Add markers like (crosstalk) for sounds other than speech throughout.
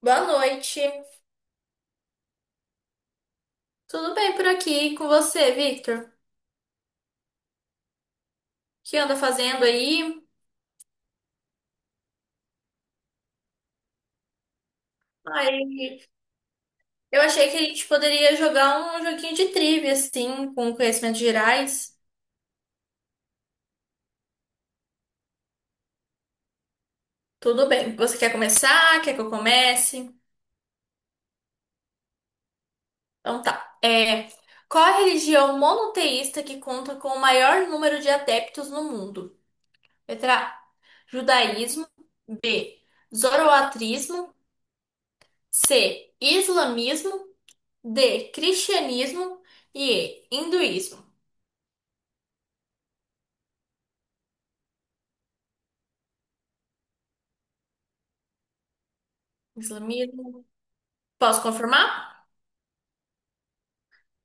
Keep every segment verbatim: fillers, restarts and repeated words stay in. Boa noite. Tudo bem por aqui com você, Victor? O que anda fazendo aí? Aí, eu achei que a gente poderia jogar um joguinho de trivia, assim, com conhecimentos gerais. Tudo bem. Você quer começar? Quer que eu comece? Então tá. É, qual a religião monoteísta que conta com o maior número de adeptos no mundo? Letra A, judaísmo. B, zoroatrismo. C, islamismo. D, cristianismo. E. E, hinduísmo. Islamismo. Posso confirmar?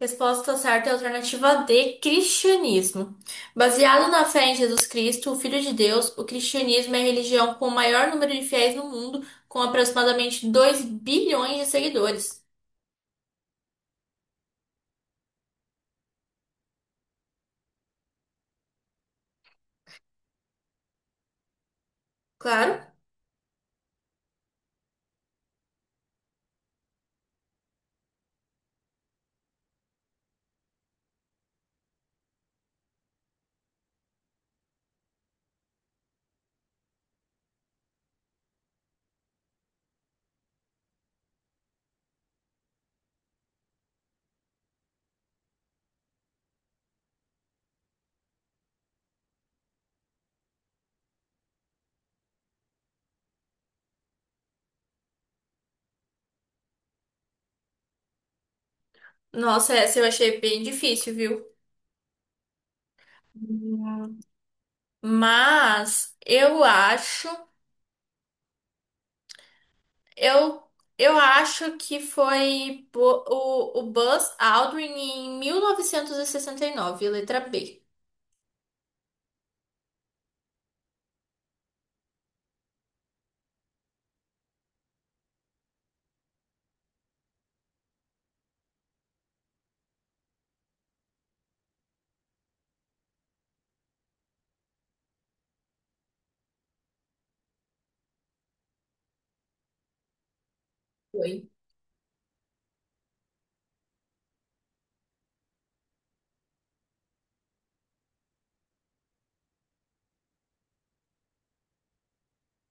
Resposta certa é a alternativa D, cristianismo. Baseado na fé em Jesus Cristo, o Filho de Deus, o cristianismo é a religião com o maior número de fiéis no mundo, com aproximadamente dois bilhões de seguidores. Claro. Nossa, essa eu achei bem difícil, viu? Hum. Mas eu acho. Eu, eu acho que foi bo- o, o Buzz Aldrin em mil novecentos e e sessenta e nove, letra B. Foi.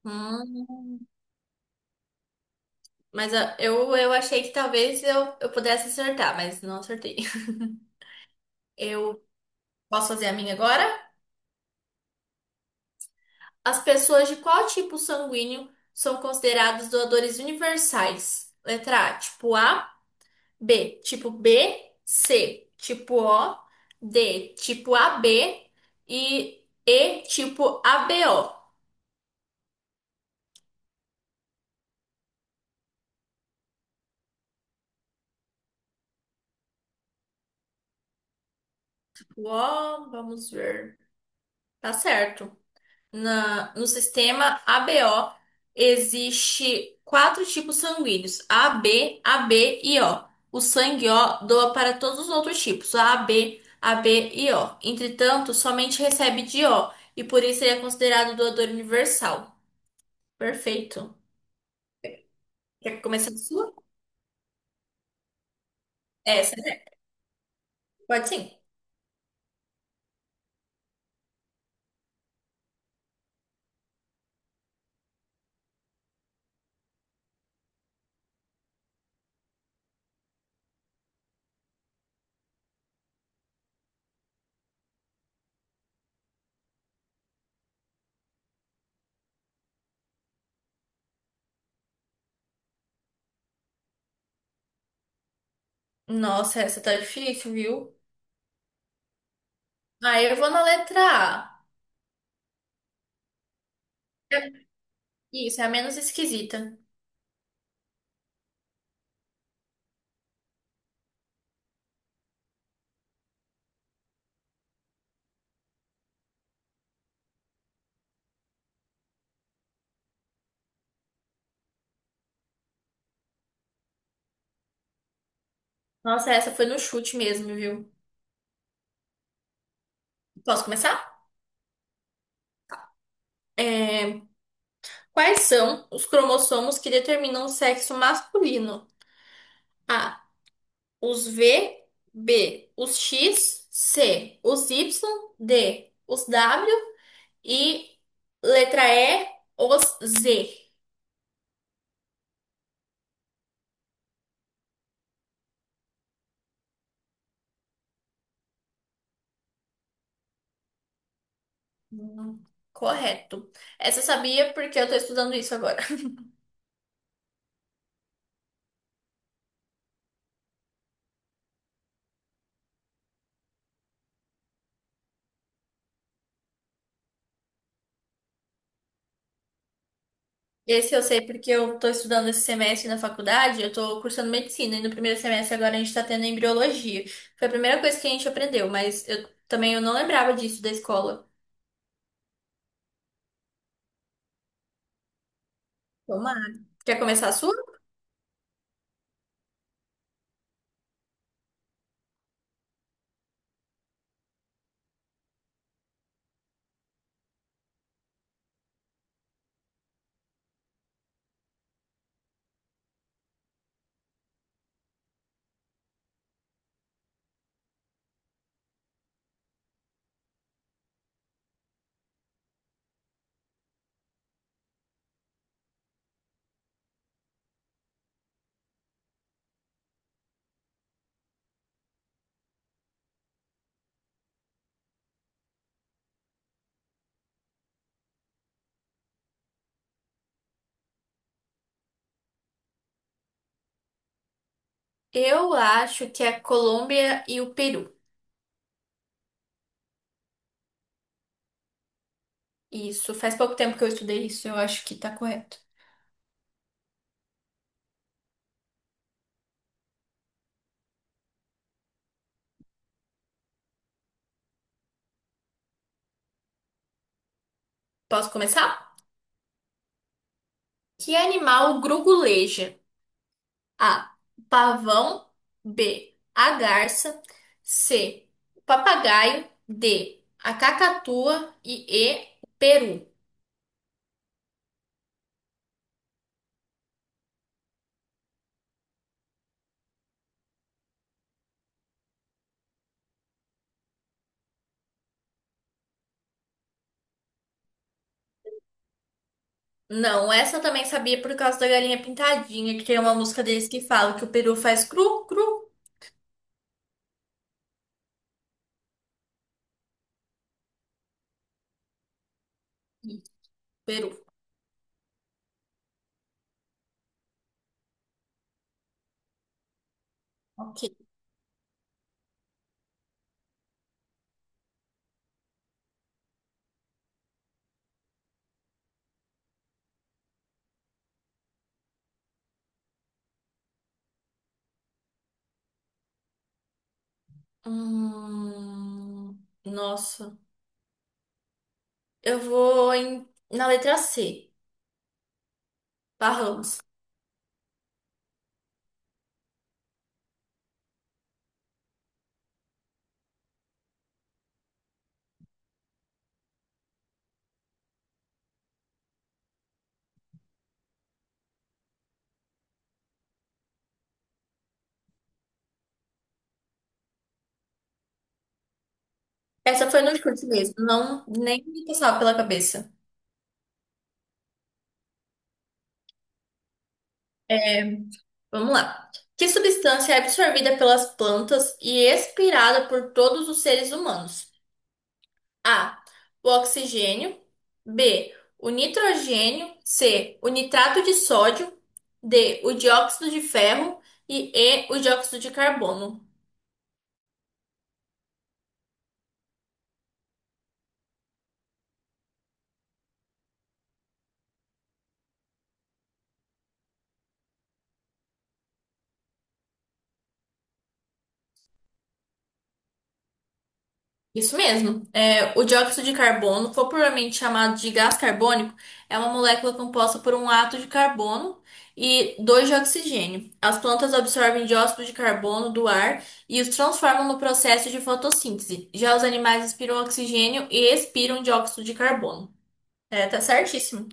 Hum, mas a- eu, eu achei que talvez eu, eu pudesse acertar, mas não acertei. (laughs) Eu posso fazer a minha agora? As pessoas de qual tipo sanguíneo são consideradas doadores universais? Letra A, tipo A. B, tipo B. C, tipo O. D, tipo A B. e E, tipo A B O. O, O, vamos ver. Tá certo. Na, no sistema A B O existe quatro tipos sanguíneos: A B, A B e O. O sangue O doa para todos os outros tipos, A B, A B e O. Entretanto, somente recebe de O e por isso ele é considerado doador universal. Perfeito. Quer começar a sua? Essa é. Pode sim. Nossa, essa tá difícil, viu? Aí eu vou na letra A. É- Isso, é a menos esquisita. Nossa, essa foi no chute mesmo, viu? Posso começar? É, Quais são os cromossomos que determinam o sexo masculino? A, os V. B, os X. C, os Y. D, os W. E letra E, os Z. Hum, correto. Essa eu sabia porque eu tô estudando isso agora. Esse eu sei porque eu tô estudando esse semestre na faculdade, eu tô cursando medicina e no primeiro semestre agora a gente tá tendo embriologia. Foi a primeira coisa que a gente aprendeu, mas eu também eu não lembrava disso da escola. Tomara. Quer começar a sua? Eu acho que é a Colômbia e o Peru. Isso, faz pouco tempo que eu estudei isso, eu acho que tá correto. Posso começar? Que animal gruguleja? A, pavão. B, a garça. C, o papagaio. D, a cacatua. E E. o peru. Não, essa eu também sabia por causa da galinha pintadinha, que tem uma música deles que fala que o peru faz cru, cru. Isso, peru. Ok. Hum, nossa. Eu vou em, na letra C. Barramos. Essa foi no chute mesmo. Não, nem me passava pela cabeça. Vamos lá. Que substância é absorvida pelas plantas e expirada por todos os seres humanos? A, o oxigênio. B, o nitrogênio. C, o nitrato de sódio. D, o dióxido de ferro. E E. o dióxido de carbono. Isso mesmo. É, o dióxido de carbono, popularmente chamado de gás carbônico, é uma molécula composta por um átomo de carbono e dois de oxigênio. As plantas absorvem dióxido de carbono do ar e os transformam no processo de fotossíntese. Já os animais inspiram oxigênio e expiram dióxido de carbono. É, tá certíssimo.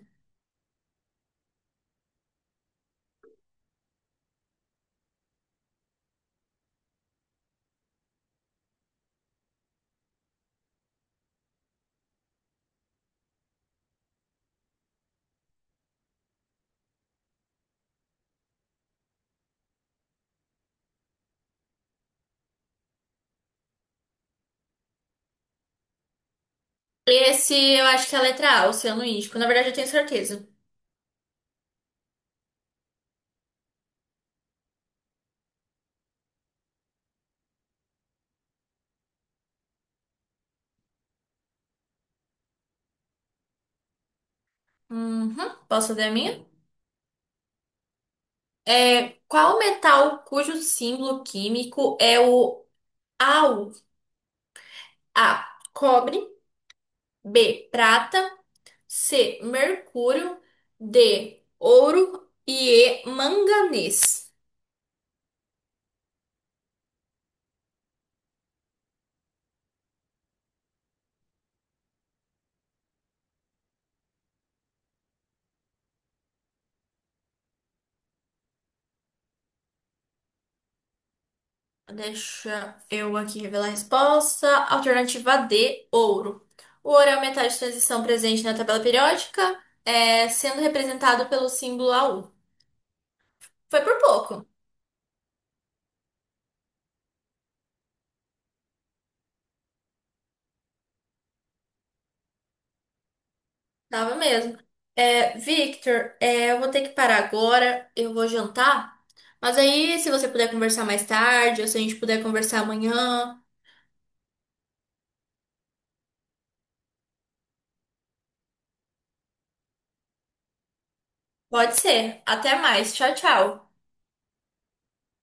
Esse eu acho que é a letra A, Oceano Índico. Na verdade, eu tenho certeza. Uhum. Posso ver a minha? É, qual metal cujo símbolo químico é o A U? A, cobre. B, prata. C, mercúrio. D, ouro. E E. manganês. Deixa eu aqui revelar a resposta. Alternativa D, ouro. O ouro é o metal de transição presente na tabela periódica, é, sendo representado pelo símbolo A U. Foi por pouco, tava mesmo. É, Victor, é, eu vou ter que parar agora, eu vou jantar. Mas aí, se você puder conversar mais tarde, ou se a gente puder conversar amanhã, pode ser. Até mais. Tchau, tchau.